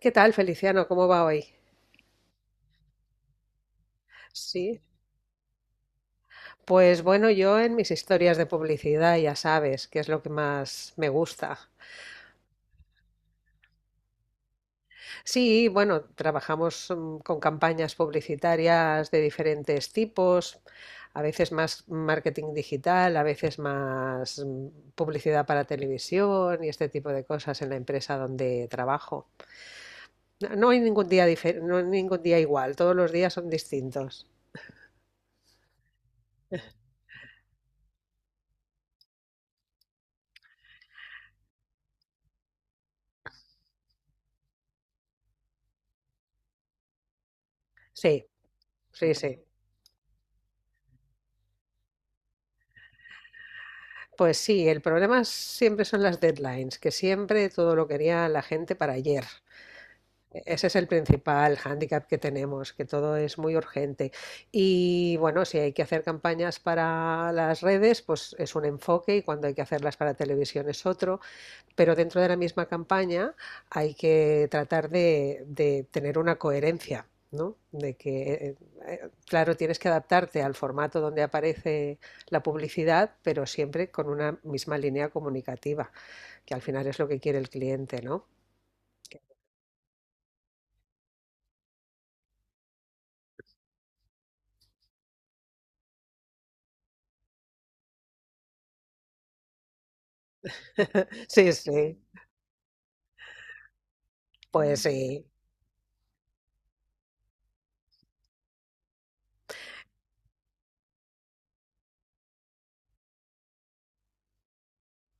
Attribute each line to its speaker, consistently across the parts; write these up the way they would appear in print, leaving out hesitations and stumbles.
Speaker 1: ¿Qué tal, Feliciano? ¿Cómo va hoy? Sí. Pues bueno, yo en mis historias de publicidad ya sabes que es lo que más me gusta. Sí, bueno, trabajamos con campañas publicitarias de diferentes tipos, a veces más marketing digital, a veces más publicidad para televisión y este tipo de cosas en la empresa donde trabajo. No hay ningún no hay ningún día igual, todos los días son distintos. Sí, sí, sí. Pues sí, el problema siempre son las deadlines, que siempre todo lo quería la gente para ayer. Ese es el principal hándicap que tenemos, que todo es muy urgente. Y bueno, si hay que hacer campañas para las redes, pues es un enfoque, y cuando hay que hacerlas para televisión es otro, pero dentro de la misma campaña hay que tratar de tener una coherencia, ¿no? De que, claro, tienes que adaptarte al formato donde aparece la publicidad, pero siempre con una misma línea comunicativa, que al final es lo que quiere el cliente, ¿no? Sí, sí, pues sí.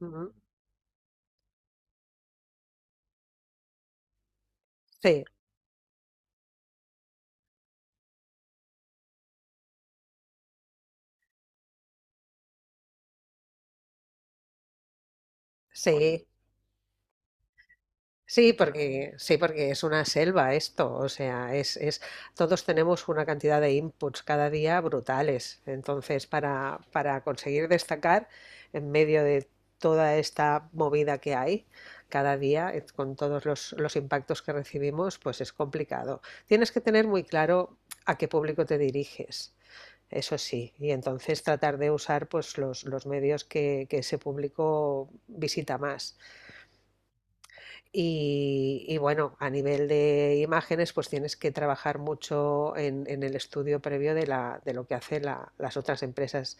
Speaker 1: Ujú. Sí, sí. Sí, porque es una selva esto, o sea, es todos tenemos una cantidad de inputs cada día brutales. Entonces, para conseguir destacar en medio de toda esta movida que hay cada día, con todos los impactos que recibimos, pues es complicado. Tienes que tener muy claro a qué público te diriges, eso sí, y entonces tratar de usar pues los medios que ese público visita más. Y bueno, a nivel de imágenes, pues tienes que trabajar mucho en el estudio previo de, la, de lo que hacen las otras empresas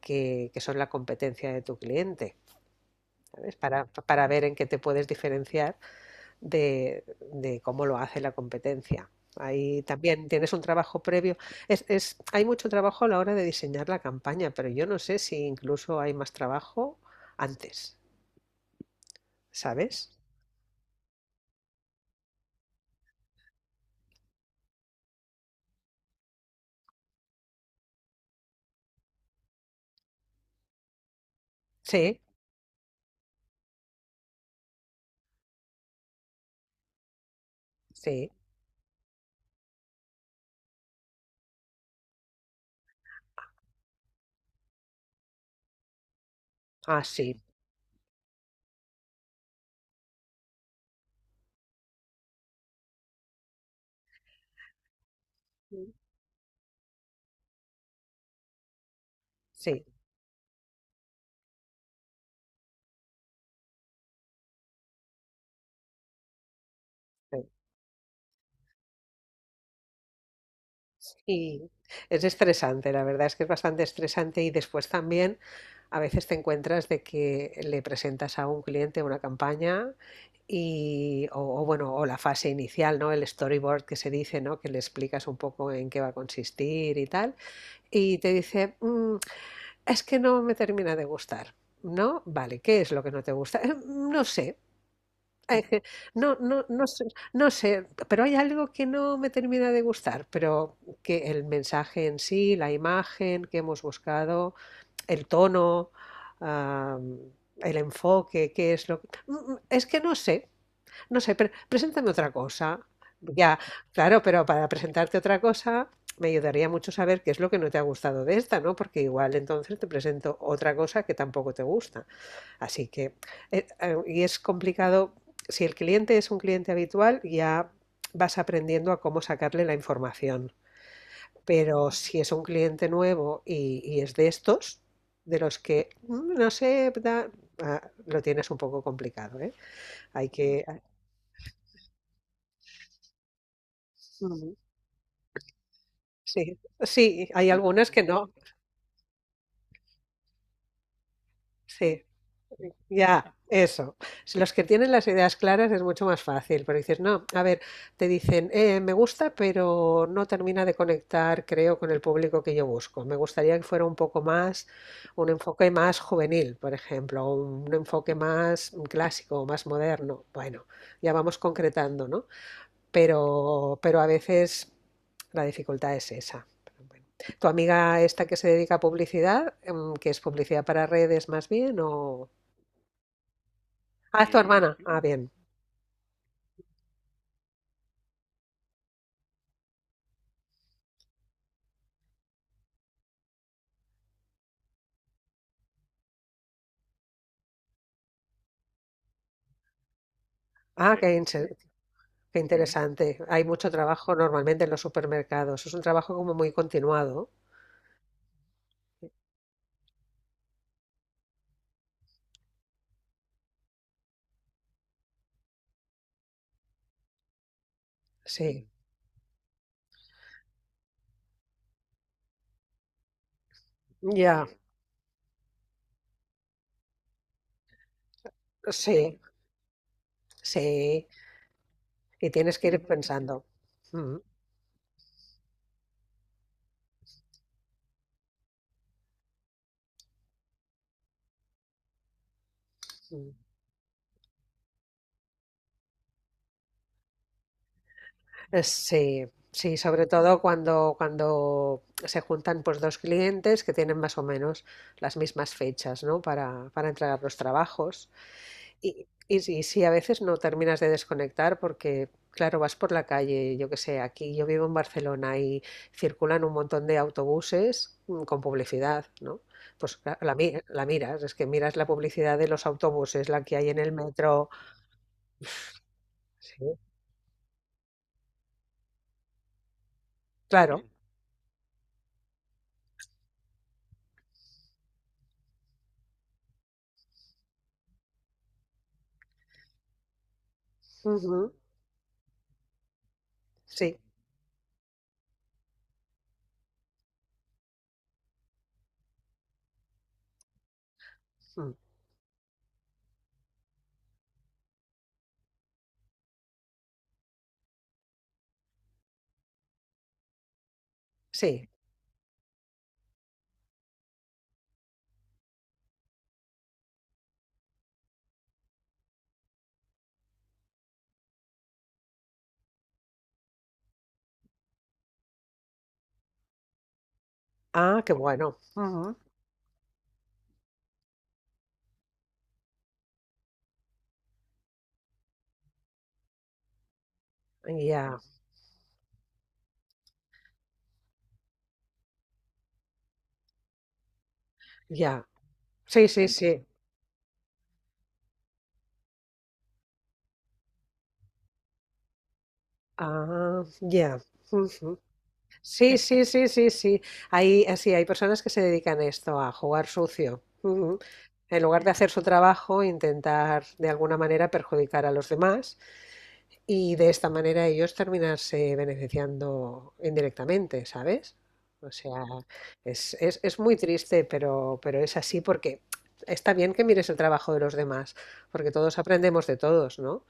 Speaker 1: que son la competencia de tu cliente, ¿sabes? Para ver en qué te puedes diferenciar de, de cómo lo hace la competencia. Ahí también tienes un trabajo previo. Hay mucho trabajo a la hora de diseñar la campaña, pero yo no sé si incluso hay más trabajo antes, ¿sabes? Sí, sí. Ah, sí. Sí, sí, y es estresante, la verdad es que es bastante estresante, y después también a veces te encuentras de que le presentas a un cliente una campaña y o bueno, o la fase inicial, ¿no? El storyboard que se dice, ¿no? Que le explicas un poco en qué va a consistir y tal, y te dice, es que no me termina de gustar". ¿No? Vale, ¿qué es lo que no te gusta? No sé. Eh, no sé, no sé, pero hay algo que no me termina de gustar, pero que el mensaje en sí, la imagen que hemos buscado, el tono, am, el enfoque, qué es lo que... Es que no sé, no sé, pero preséntame otra cosa". Ya, claro, pero para presentarte otra cosa me ayudaría mucho saber qué es lo que no te ha gustado de esta, ¿no? Porque igual entonces te presento otra cosa que tampoco te gusta. Así que, y es complicado. Si el cliente es un cliente habitual, ya vas aprendiendo a cómo sacarle la información. Pero si es un cliente nuevo y es de estos, de los que, "Mm, no sé, da-", ah, lo tienes un poco complicado, ¿eh? Hay que... mm, Sí, sí, hay algunas que no. Sí. Ya, eso. Si los que tienen las ideas claras es mucho más fácil, pero dices, no, a ver, te dicen, me gusta, pero no termina de conectar, creo, con el público que yo busco. Me gustaría que fuera un poco más, un enfoque más juvenil, por ejemplo, o un enfoque más clásico, o más moderno". Bueno, ya vamos concretando, ¿no? Pero a veces la dificultad es esa. Pero bueno. ¿Tu amiga esta que se dedica a publicidad, que es publicidad para redes más bien, o...? Ah, es tu y hermana. Ah, bien. Ah, sí, qué ujú, interesante. Hay mucho trabajo normalmente en los supermercados. Es un trabajo como muy continuado. Sí, sí. Ya, sí, sí, sí. Y tienes que ir pensando. Mm, mm. Sí, sí, sobre todo cuando, cuando se juntan pues dos clientes que tienen más o menos las mismas fechas, ¿no? Para entregar los trabajos. Y sí, sí, a veces no terminas de desconectar porque, claro, vas por la calle, yo qué sé, aquí yo vivo en Barcelona y circulan un montón de autobuses con publicidad, ¿no? Pues la miras, es que miras la publicidad de los autobuses, la que hay en el metro. Sí, claro. Ujú, sí, mm, sí. Ah, qué bueno. Ujú, ya, ya. Sí, sí, sí. Ah, ya. Ujú. Sí, sí, sí, sí, sí. Hay, así, hay personas que se dedican a esto, a jugar sucio. Ujú. En lugar de hacer su trabajo, intentar de alguna manera perjudicar a los demás y de esta manera ellos terminarse beneficiando indirectamente, ¿sabes? O sea, es muy triste, pero es así porque está bien que mires el trabajo de los demás, porque todos aprendemos de todos, ¿no?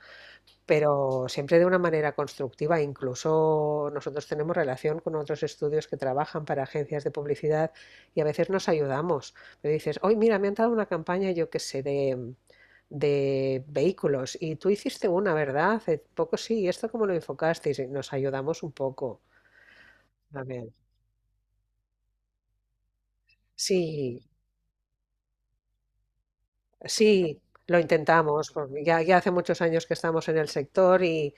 Speaker 1: Pero siempre de una manera constructiva. Incluso nosotros tenemos relación con otros estudios que trabajan para agencias de publicidad, y a veces nos ayudamos. Me dices, hoy mira, me han dado una campaña, yo qué sé, de vehículos y tú hiciste una, ¿verdad? Hace poco sí, ¿y esto cómo lo enfocasteis? Y nos ayudamos un poco también. Sí, sí, lo intentamos. Porque ya, ya hace muchos años que estamos en el sector. y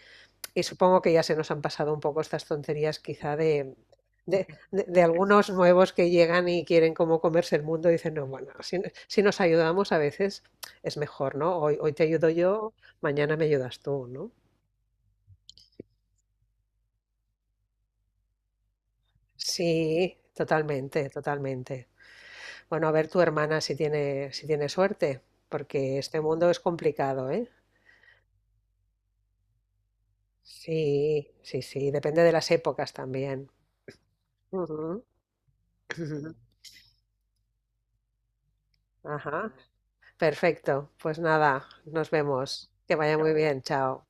Speaker 1: Y supongo que ya se nos han pasado un poco estas tonterías quizá de, de algunos nuevos que llegan y quieren como comerse el mundo y dicen, no, bueno, si nos ayudamos a veces es mejor, ¿no? Hoy, hoy te ayudo yo, mañana me ayudas tú, ¿no? Sí, totalmente, totalmente. Bueno, a ver tu hermana si tiene, si tiene suerte, porque este mundo es complicado, ¿eh? Sí, sí, sí, depende de las épocas también. Ujú, ujú. Ajá. Perfecto, pues nada, nos vemos. Que vaya muy bien, chao.